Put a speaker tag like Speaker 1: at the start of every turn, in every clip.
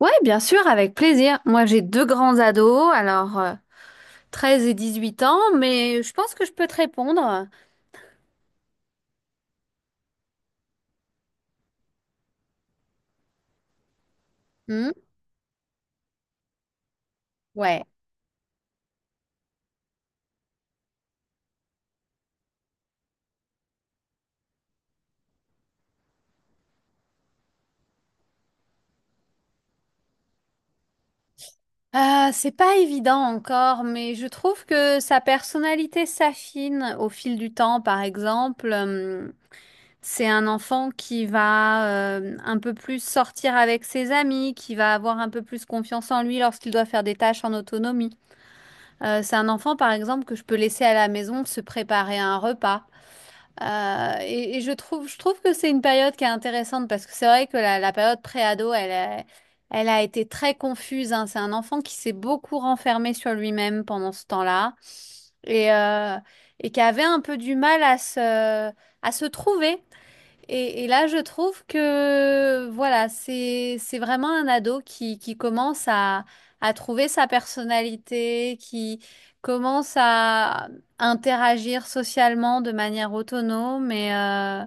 Speaker 1: Ouais, bien sûr, avec plaisir. Moi, j'ai deux grands ados, 13 et 18 ans, mais je pense que je peux te répondre. Hmm. Ouais. C'est pas évident encore, mais je trouve que sa personnalité s'affine au fil du temps, par exemple. C'est un enfant qui va un peu plus sortir avec ses amis, qui va avoir un peu plus confiance en lui lorsqu'il doit faire des tâches en autonomie. C'est un enfant, par exemple, que je peux laisser à la maison se préparer un repas. Et je trouve, que c'est une période qui est intéressante parce que c'est vrai que la période pré-ado, elle a été très confuse, hein. C'est un enfant qui s'est beaucoup renfermé sur lui-même pendant ce temps-là et, euh, et qui avait un peu du mal à à se trouver. Et là, je trouve que voilà, c'est vraiment un ado qui commence à trouver sa personnalité, qui commence à interagir socialement de manière autonome.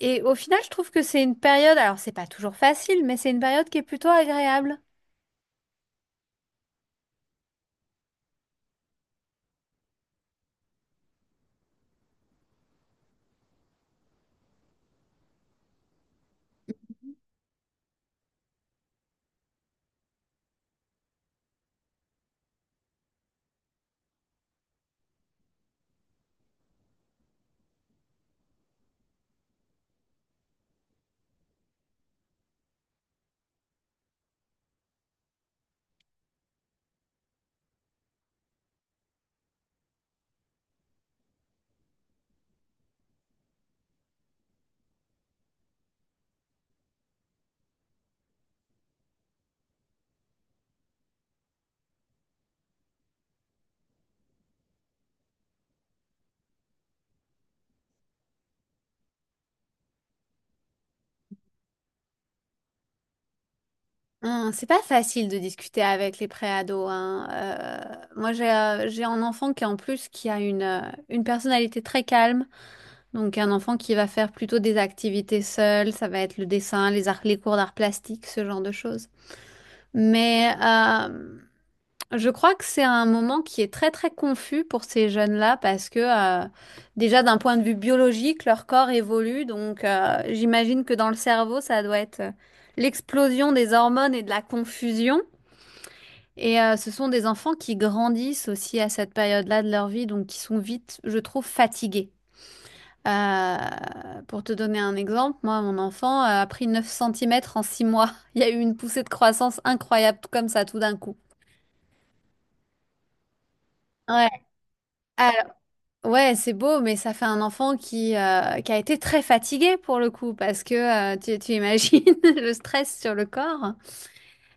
Speaker 1: Et au final, je trouve que c'est une période, alors c'est pas toujours facile, mais c'est une période qui est plutôt agréable. C'est pas facile de discuter avec les préados, hein. Moi, j'ai un enfant qui en plus qui a une personnalité très calme. Donc un enfant qui va faire plutôt des activités seul, ça va être le dessin, les arts, les cours d'art plastique, ce genre de choses. Mais euh, je crois que c'est un moment qui est très très confus pour ces jeunes-là parce que déjà d'un point de vue biologique, leur corps évolue. Donc j'imagine que dans le cerveau, ça doit être l'explosion des hormones et de la confusion. Et ce sont des enfants qui grandissent aussi à cette période-là de leur vie, donc qui sont vite, je trouve, fatigués. Pour te donner un exemple, moi, mon enfant a pris 9 centimètres en 6 mois. Il y a eu une poussée de croissance incroyable, tout comme ça, tout d'un coup. Ouais, alors, ouais, c'est beau, mais ça fait un enfant qui qui a été très fatigué pour le coup, parce que tu imagines le stress sur le corps.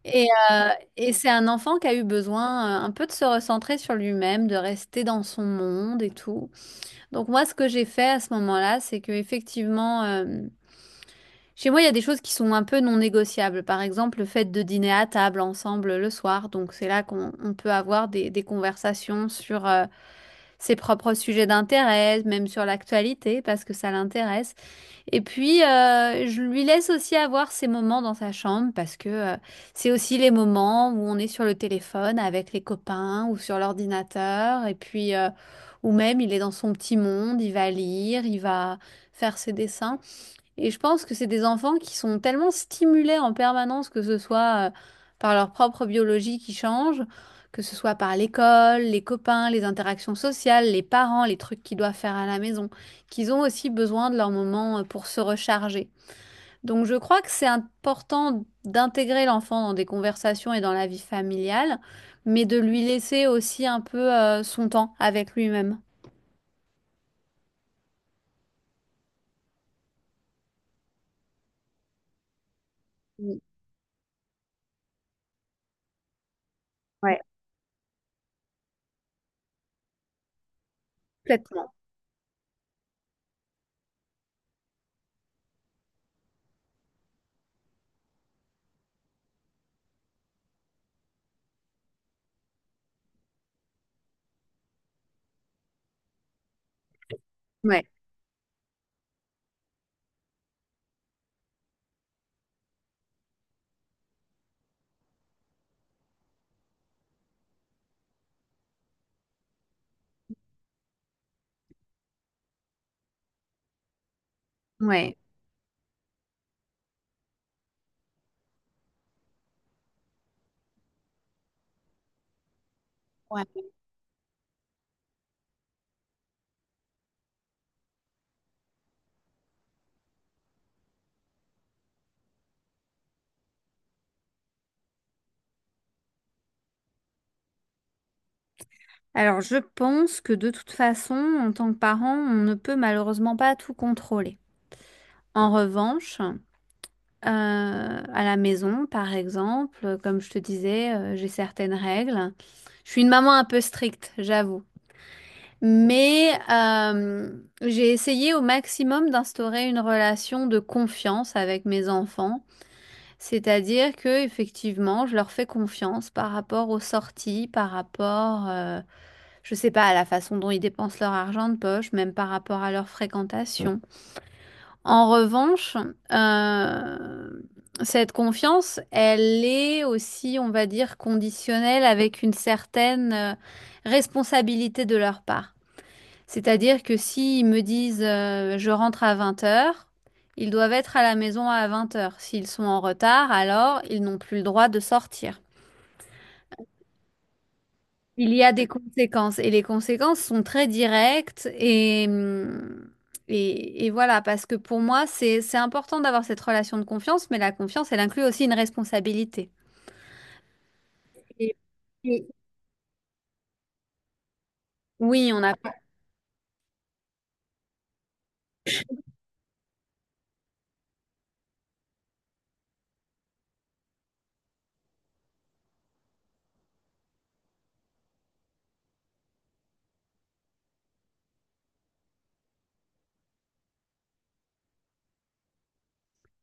Speaker 1: Et, euh, et c'est un enfant qui a eu besoin un peu de se recentrer sur lui-même, de rester dans son monde et tout. Donc moi, ce que j'ai fait à ce moment-là, c'est que effectivement, chez moi, il y a des choses qui sont un peu non négociables. Par exemple, le fait de dîner à table ensemble le soir. Donc, c'est là qu'on on peut avoir des conversations sur ses propres sujets d'intérêt, même sur l'actualité, parce que ça l'intéresse. Et puis, je lui laisse aussi avoir ses moments dans sa chambre, parce que c'est aussi les moments où on est sur le téléphone avec les copains ou sur l'ordinateur. Et puis, ou même, il est dans son petit monde, il va lire, il va faire ses dessins. Et je pense que c'est des enfants qui sont tellement stimulés en permanence, que ce soit par leur propre biologie qui change, que ce soit par l'école, les copains, les interactions sociales, les parents, les trucs qu'ils doivent faire à la maison, qu'ils ont aussi besoin de leur moment pour se recharger. Donc je crois que c'est important d'intégrer l'enfant dans des conversations et dans la vie familiale, mais de lui laisser aussi un peu son temps avec lui-même. Oui. Ouais. Complètement. Ouais, ouais. Ouais. Alors, je pense que de toute façon, en tant que parent, on ne peut malheureusement pas tout contrôler. En revanche, à la maison, par exemple, comme je te disais, j'ai certaines règles. Je suis une maman un peu stricte, j'avoue. Mais j'ai essayé au maximum d'instaurer une relation de confiance avec mes enfants. C'est-à-dire que, effectivement, je leur fais confiance par rapport aux sorties, par rapport... je sais pas, la façon dont ils dépensent leur argent de poche, même par rapport à leur fréquentation. En revanche, euh, cette confiance, elle est aussi, on va dire, conditionnelle avec une certaine responsabilité de leur part. C'est-à-dire que s'ils me disent je rentre à 20 heures, ils doivent être à la maison à 20 heures. S'ils sont en retard, alors ils n'ont plus le droit de sortir. Il y a des conséquences et les conséquences sont très directes et, et voilà, parce que pour moi, c'est important d'avoir cette relation de confiance, mais la confiance, elle inclut aussi une responsabilité. Et- et- Oui, on a...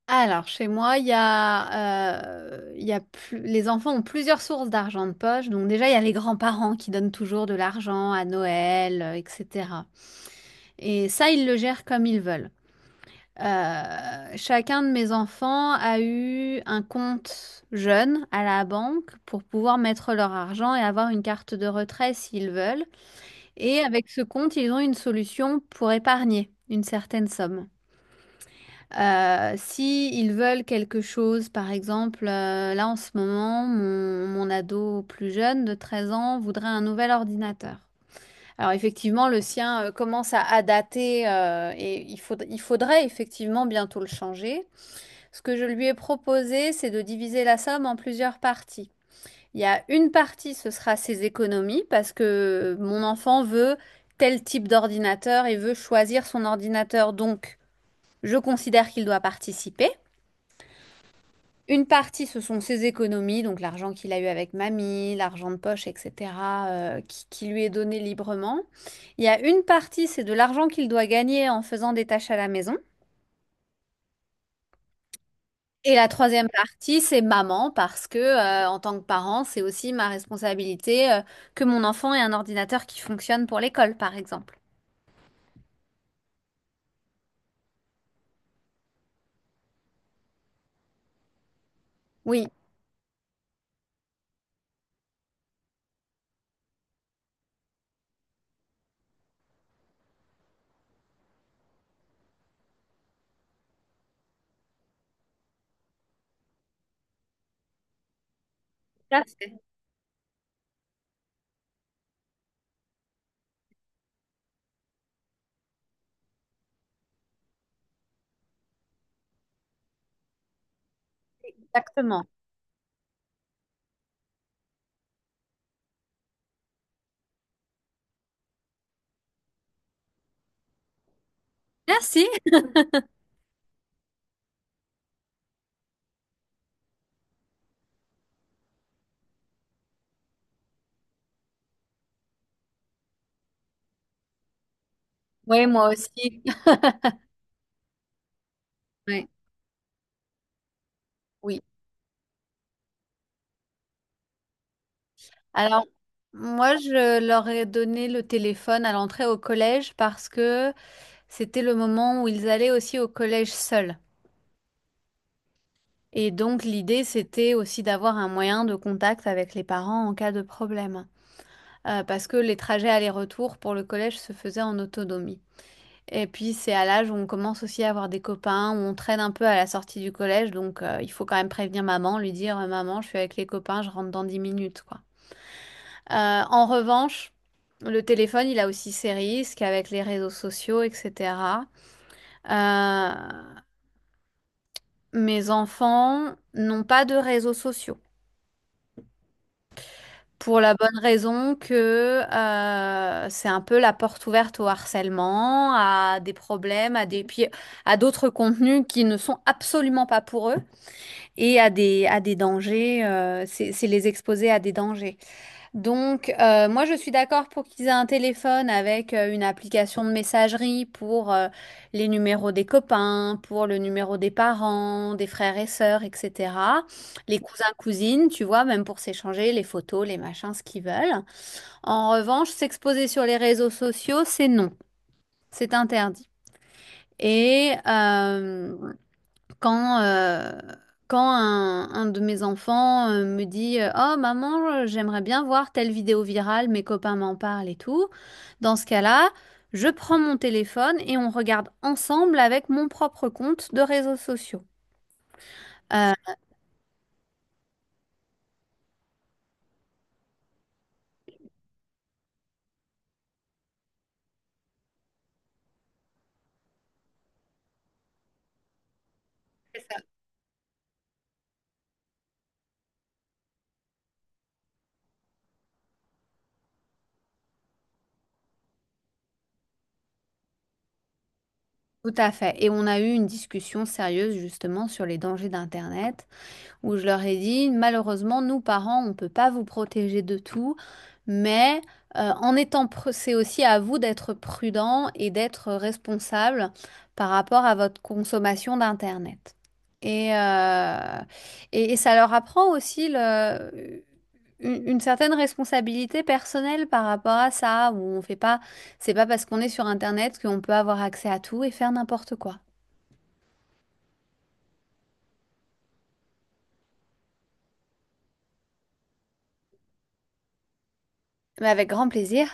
Speaker 1: Alors, chez moi, il y a plus- les enfants ont plusieurs sources d'argent de poche. Donc déjà, il y a les grands-parents qui donnent toujours de l'argent à Noël, etc. Et ça, ils le gèrent comme ils veulent. Chacun de mes enfants a eu un compte jeune à la banque pour pouvoir mettre leur argent et avoir une carte de retrait s'ils veulent. Et avec ce compte, ils ont une solution pour épargner une certaine somme. Si ils veulent quelque chose, par exemple, là en ce moment, mon ado plus jeune de 13 ans voudrait un nouvel ordinateur. Alors effectivement, le sien commence à dater et il faudrait effectivement bientôt le changer. Ce que je lui ai proposé, c'est de diviser la somme en plusieurs parties. Il y a une partie, ce sera ses économies, parce que mon enfant veut tel type d'ordinateur et veut choisir son ordinateur. Donc, je considère qu'il doit participer. Une partie, ce sont ses économies, donc l'argent qu'il a eu avec mamie, l'argent de poche, etc., qui lui est donné librement. Il y a une partie, c'est de l'argent qu'il doit gagner en faisant des tâches à la maison. Et la troisième partie, c'est maman, parce que en tant que parent, c'est aussi ma responsabilité que mon enfant ait un ordinateur qui fonctionne pour l'école, par exemple. Oui, tout à fait. Exactement. Merci. Oui, moi aussi. Oui, oui. Alors, moi, je leur ai donné le téléphone à l'entrée au collège parce que c'était le moment où ils allaient aussi au collège seuls. Et donc, l'idée, c'était aussi d'avoir un moyen de contact avec les parents en cas de problème. Parce que les trajets aller-retour pour le collège se faisaient en autonomie. Et puis c'est à l'âge où on commence aussi à avoir des copains, où on traîne un peu à la sortie du collège, donc il faut quand même prévenir maman, lui dire «Maman, je suis avec les copains, je rentre dans 10 minutes», quoi. En revanche, le téléphone, il a aussi ses risques avec les réseaux sociaux, etc. Euh, Mes enfants n'ont pas de réseaux sociaux. Pour la bonne raison que c'est un peu la porte ouverte au harcèlement, à des problèmes, à des puis à d'autres contenus qui ne sont absolument pas pour eux et à des dangers. C'est c'est les exposer à des dangers. Donc, moi, je suis d'accord pour qu'ils aient un téléphone avec une application de messagerie pour les numéros des copains, pour le numéro des parents, des frères et sœurs, etc. Les cousins, cousines, tu vois, même pour s'échanger les photos, les machins, ce qu'ils veulent. En revanche, s'exposer sur les réseaux sociaux, c'est non, c'est interdit. Et quand, euh, quand un de mes enfants me dit Oh maman, j'aimerais bien voir telle vidéo virale, mes copains m'en parlent et tout. Dans ce cas-là, je prends mon téléphone et on regarde ensemble avec mon propre compte de réseaux sociaux. C'est ça. Tout à fait. Et on a eu une discussion sérieuse justement sur les dangers d'Internet où je leur ai dit, malheureusement, nous, parents, on ne peut pas vous protéger de tout, mais c'est aussi à vous d'être prudent et d'être responsable par rapport à votre consommation d'Internet. Et, euh, et ça leur apprend aussi une certaine responsabilité personnelle par rapport à ça, où on fait pas, c'est pas parce qu'on est sur Internet qu'on peut avoir accès à tout et faire n'importe quoi. Mais avec grand plaisir.